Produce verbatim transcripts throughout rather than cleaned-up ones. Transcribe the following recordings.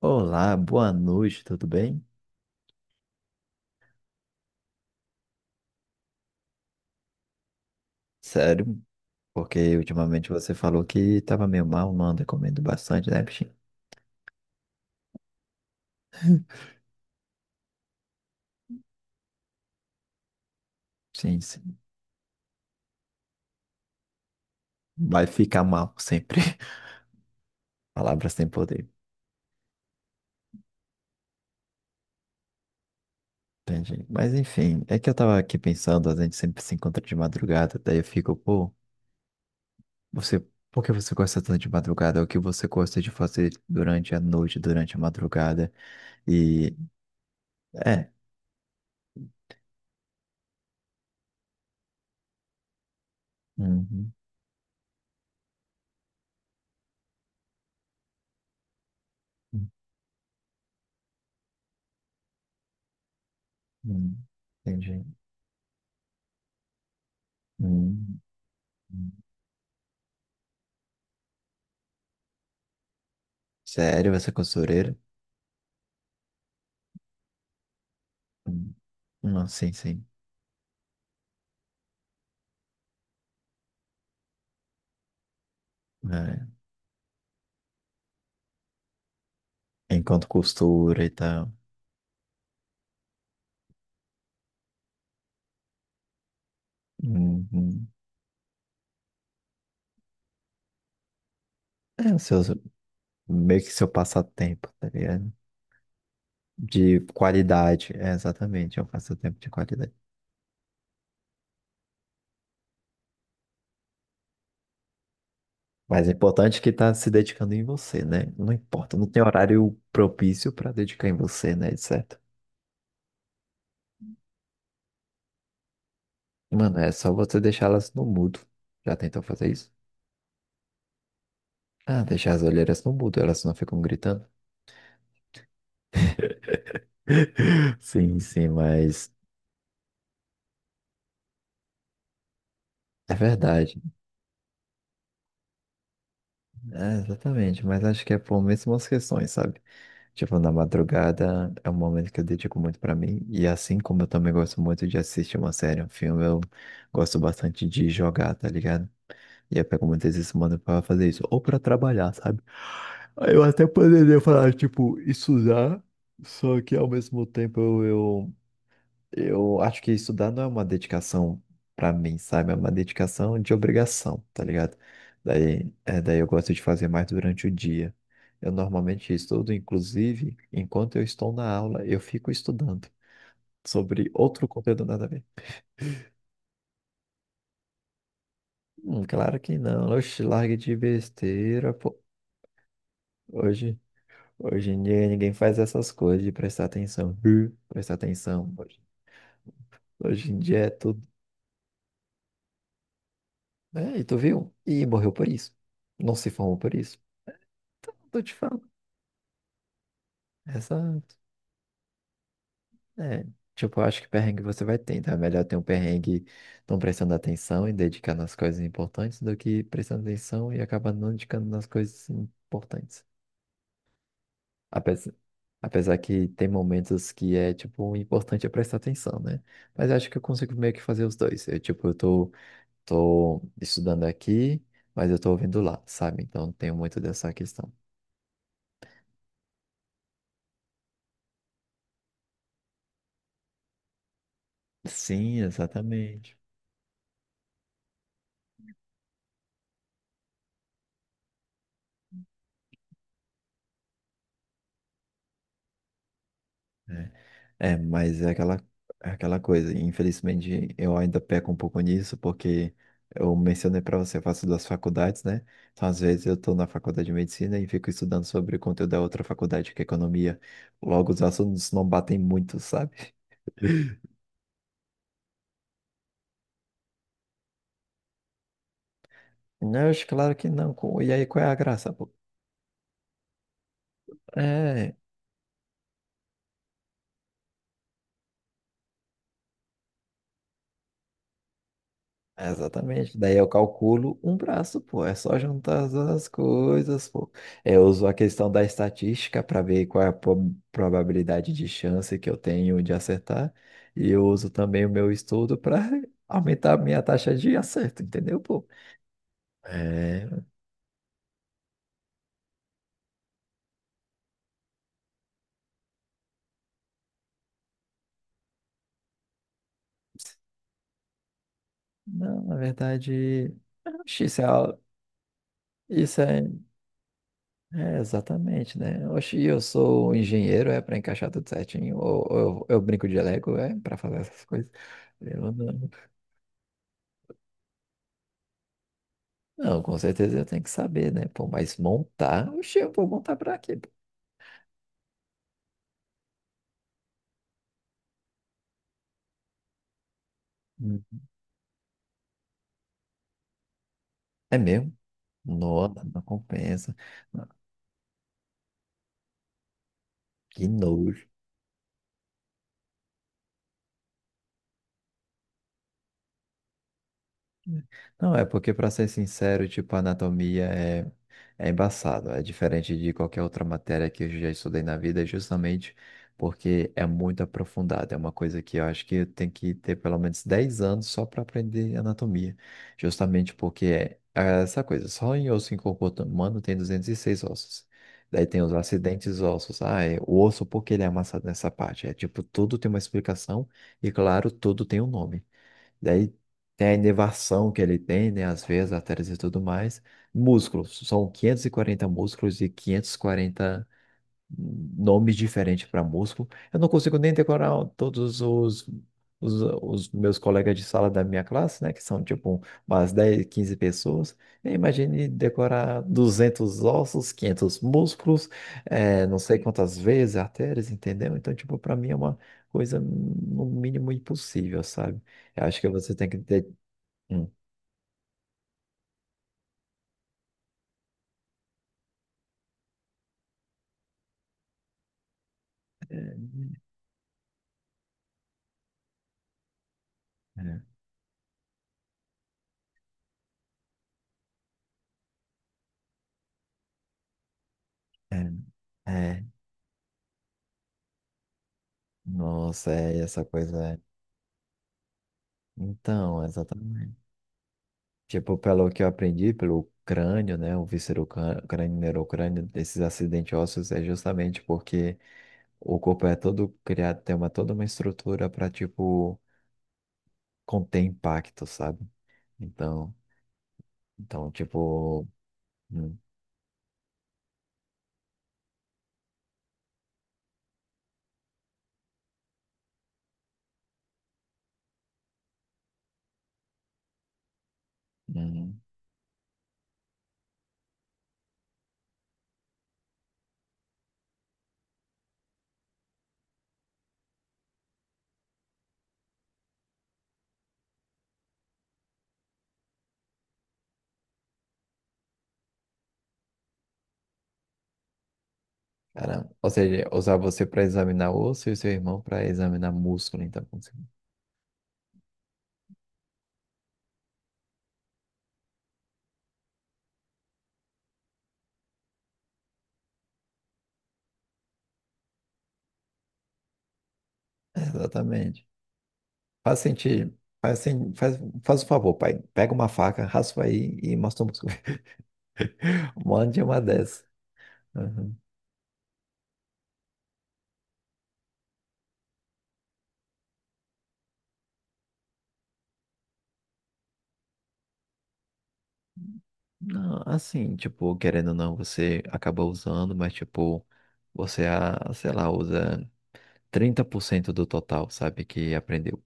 Olá, boa noite, tudo bem? Sério? Porque ultimamente você falou que tava meio mal, não anda comendo bastante, né, bichinho? Sim, sim. Vai ficar mal sempre. Palavras sem poder, entendi. Mas enfim, é que eu tava aqui pensando, a gente sempre se encontra de madrugada, daí eu fico, pô, você, por que você gosta tanto de madrugada? É o que você gosta de fazer durante a noite, durante a madrugada? E é. Uhum, uhum, entendi. Uhum, uhum. Sério, você é costureira? Hum. Não, sim, sim. É, enquanto costura e tal. Uhum. É, o seu, meio que seu passatempo, tá ligado? De qualidade, é, exatamente, é um passatempo de qualidade. Mas é importante que tá se dedicando em você, né? Não importa, não tem horário propício pra dedicar em você, né? Certo? Mano, é só você deixá-las no mudo. Já tentou fazer isso? Ah, deixar as olheiras no mudo, elas não ficam gritando. Sim, sim, mas é verdade. É, exatamente, mas acho que é por mesmas questões, sabe? Tipo, na madrugada é um momento que eu dedico muito pra mim, e assim como eu também gosto muito de assistir uma série, um filme, eu gosto bastante de jogar, tá ligado? E eu pego muitas vezes semana pra fazer isso, ou pra trabalhar, sabe? Aí Eu até poderia falar, tipo, estudar, só que ao mesmo tempo eu, eu eu acho que estudar não é uma dedicação pra mim, sabe? É uma dedicação de obrigação, tá ligado? Daí, é, daí eu gosto de fazer mais durante o dia. Eu normalmente estudo, inclusive, enquanto eu estou na aula, eu fico estudando sobre outro conteúdo nada a ver. Hum, claro que não. Oxe, largue de besteira, pô. Hoje, hoje em dia ninguém faz essas coisas de prestar atenção. Hum. Prestar atenção. Hoje, hoje em dia é tudo. É, e tu viu? E morreu por isso. Não se formou por isso. Tô te falando. Essa, é, tipo, eu acho que perrengue você vai ter, então é melhor ter um perrengue não prestando atenção e dedicar nas coisas importantes do que prestando atenção e acabar não dedicando nas coisas importantes. Apesar, apesar que tem momentos que é, tipo, o importante é prestar atenção, né? Mas acho que eu consigo meio que fazer os dois. Eu, tipo, eu tô, tô estudando aqui, mas eu tô ouvindo lá, sabe? Então tenho muito dessa questão. Sim, exatamente. É, mas é aquela, é aquela coisa. Infelizmente, eu ainda peco um pouco nisso, porque eu mencionei para você, eu faço duas faculdades, né? Então, às vezes, eu estou na faculdade de medicina e fico estudando sobre o conteúdo da outra faculdade, que é economia. Logo, os assuntos não batem muito, sabe? Não, acho claro que não. co- E aí, qual é a graça, pô? É, é, exatamente. Daí eu calculo um braço, pô. É só juntar as coisas, pô. Eu uso a questão da estatística para ver qual é a po- probabilidade de chance que eu tenho de acertar. E eu uso também o meu estudo para aumentar a minha taxa de acerto, entendeu, pô? É, não, na verdade, oxi, isso é, a- isso é, é exatamente, né? Oxi, eu sou um engenheiro, é para encaixar tudo certinho, ou, ou eu, eu brinco de Lego, é para fazer essas coisas. Eu não. Não, com certeza eu tenho que saber, né? Pô, mas montar, oxe, eu vou montar pra quê, pô? Hum. É mesmo? Nossa, não compensa. Ah, que nojo. Não, é porque, para ser sincero, tipo, a anatomia é, é embaçado. É diferente de qualquer outra matéria que eu já estudei na vida, justamente porque é muito aprofundada. É uma coisa que eu acho que eu tenho que ter pelo menos dez anos só para aprender anatomia. Justamente porque é é essa coisa. Só em osso em corpo humano tem duzentos e seis ossos. Daí tem os acidentes ossos. Ah, é o osso porque ele é amassado nessa parte. É tipo, tudo tem uma explicação e, claro, tudo tem um nome. Daí tem a inervação que ele tem, né? As veias, artérias e tudo mais. Músculos, são quinhentos e quarenta músculos e quinhentos e quarenta nomes diferentes para músculo. Eu não consigo nem decorar todos os, os, os meus colegas de sala da minha classe, né? Que são tipo umas dez, quinze pessoas. Eu imagine decorar duzentos ossos, quinhentos músculos, eh, não sei quantas vezes, artérias, entendeu? Então, tipo, para mim é uma coisa no mínimo impossível, sabe? Eu acho que você tem que ter... Hum. É, é, é. É, nossa, é essa coisa. É. Então, exatamente. Tipo, pelo que eu aprendi, pelo crânio, né? O víscero-crânio, neurocrânio, desses acidentes ósseos é justamente porque o corpo é todo criado, tem uma, toda uma estrutura para, tipo, conter impacto, sabe? Então, então tipo. Hum, uhum. Caramba. Ou seja, usar você para examinar osso e o seu irmão para examinar músculo, então. Como se- Exatamente. Faz sentido. Faz, sen- faz, faz o favor, pai. Pega uma faca, raspa aí e mostra um músculo. Mande uma dessa. Uhum. Não, assim, tipo, querendo ou não, você acaba usando, mas, tipo, você, ah, sei lá, usa trinta por cento do total, sabe, que aprendeu.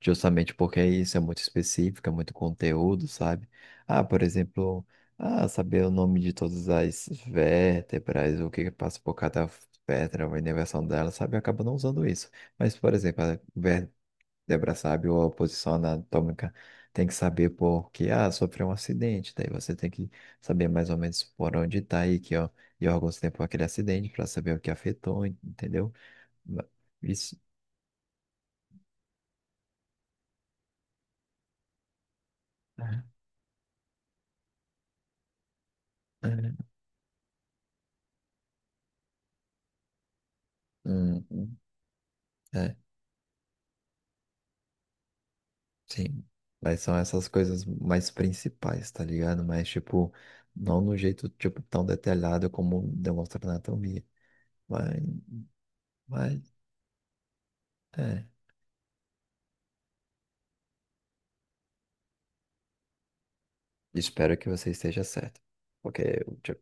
Justamente porque isso é muito específico, é muito conteúdo, sabe? Ah, por exemplo, ah, saber o nome de todas as vértebras, o que que passa por cada vértebra, a inervação dela, sabe? Acaba não usando isso. Mas, por exemplo, a vértebra, sabe, ou a posição anatômica, tem que saber por que, ah, sofreu um acidente, daí você tem que saber mais ou menos por onde está e que ó, e órgãos tempo aquele acidente para saber o que afetou, entendeu? Isso. É, uhum, é, sim. Mas são essas coisas mais principais, tá ligado? Mas, tipo, não no jeito, tipo, tão detalhado como demonstra na anatomia. Mas, mas, é. Espero que você esteja certo. Porque, tipo,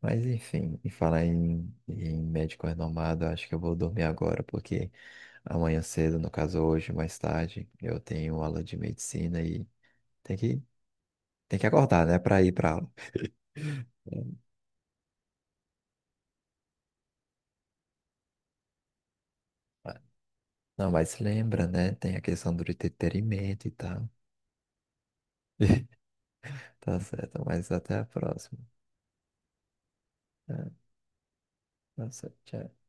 mas, enfim, e falar em, em médico renomado, eu acho que eu vou dormir agora, porque amanhã cedo, no caso hoje, mais tarde, eu tenho aula de medicina e tem que, tem que acordar, né, pra ir pra aula. Não, mas lembra, né? Tem a questão do entretenimento e tal. Tá certo, mas até a próxima. É, tá certo, tchau.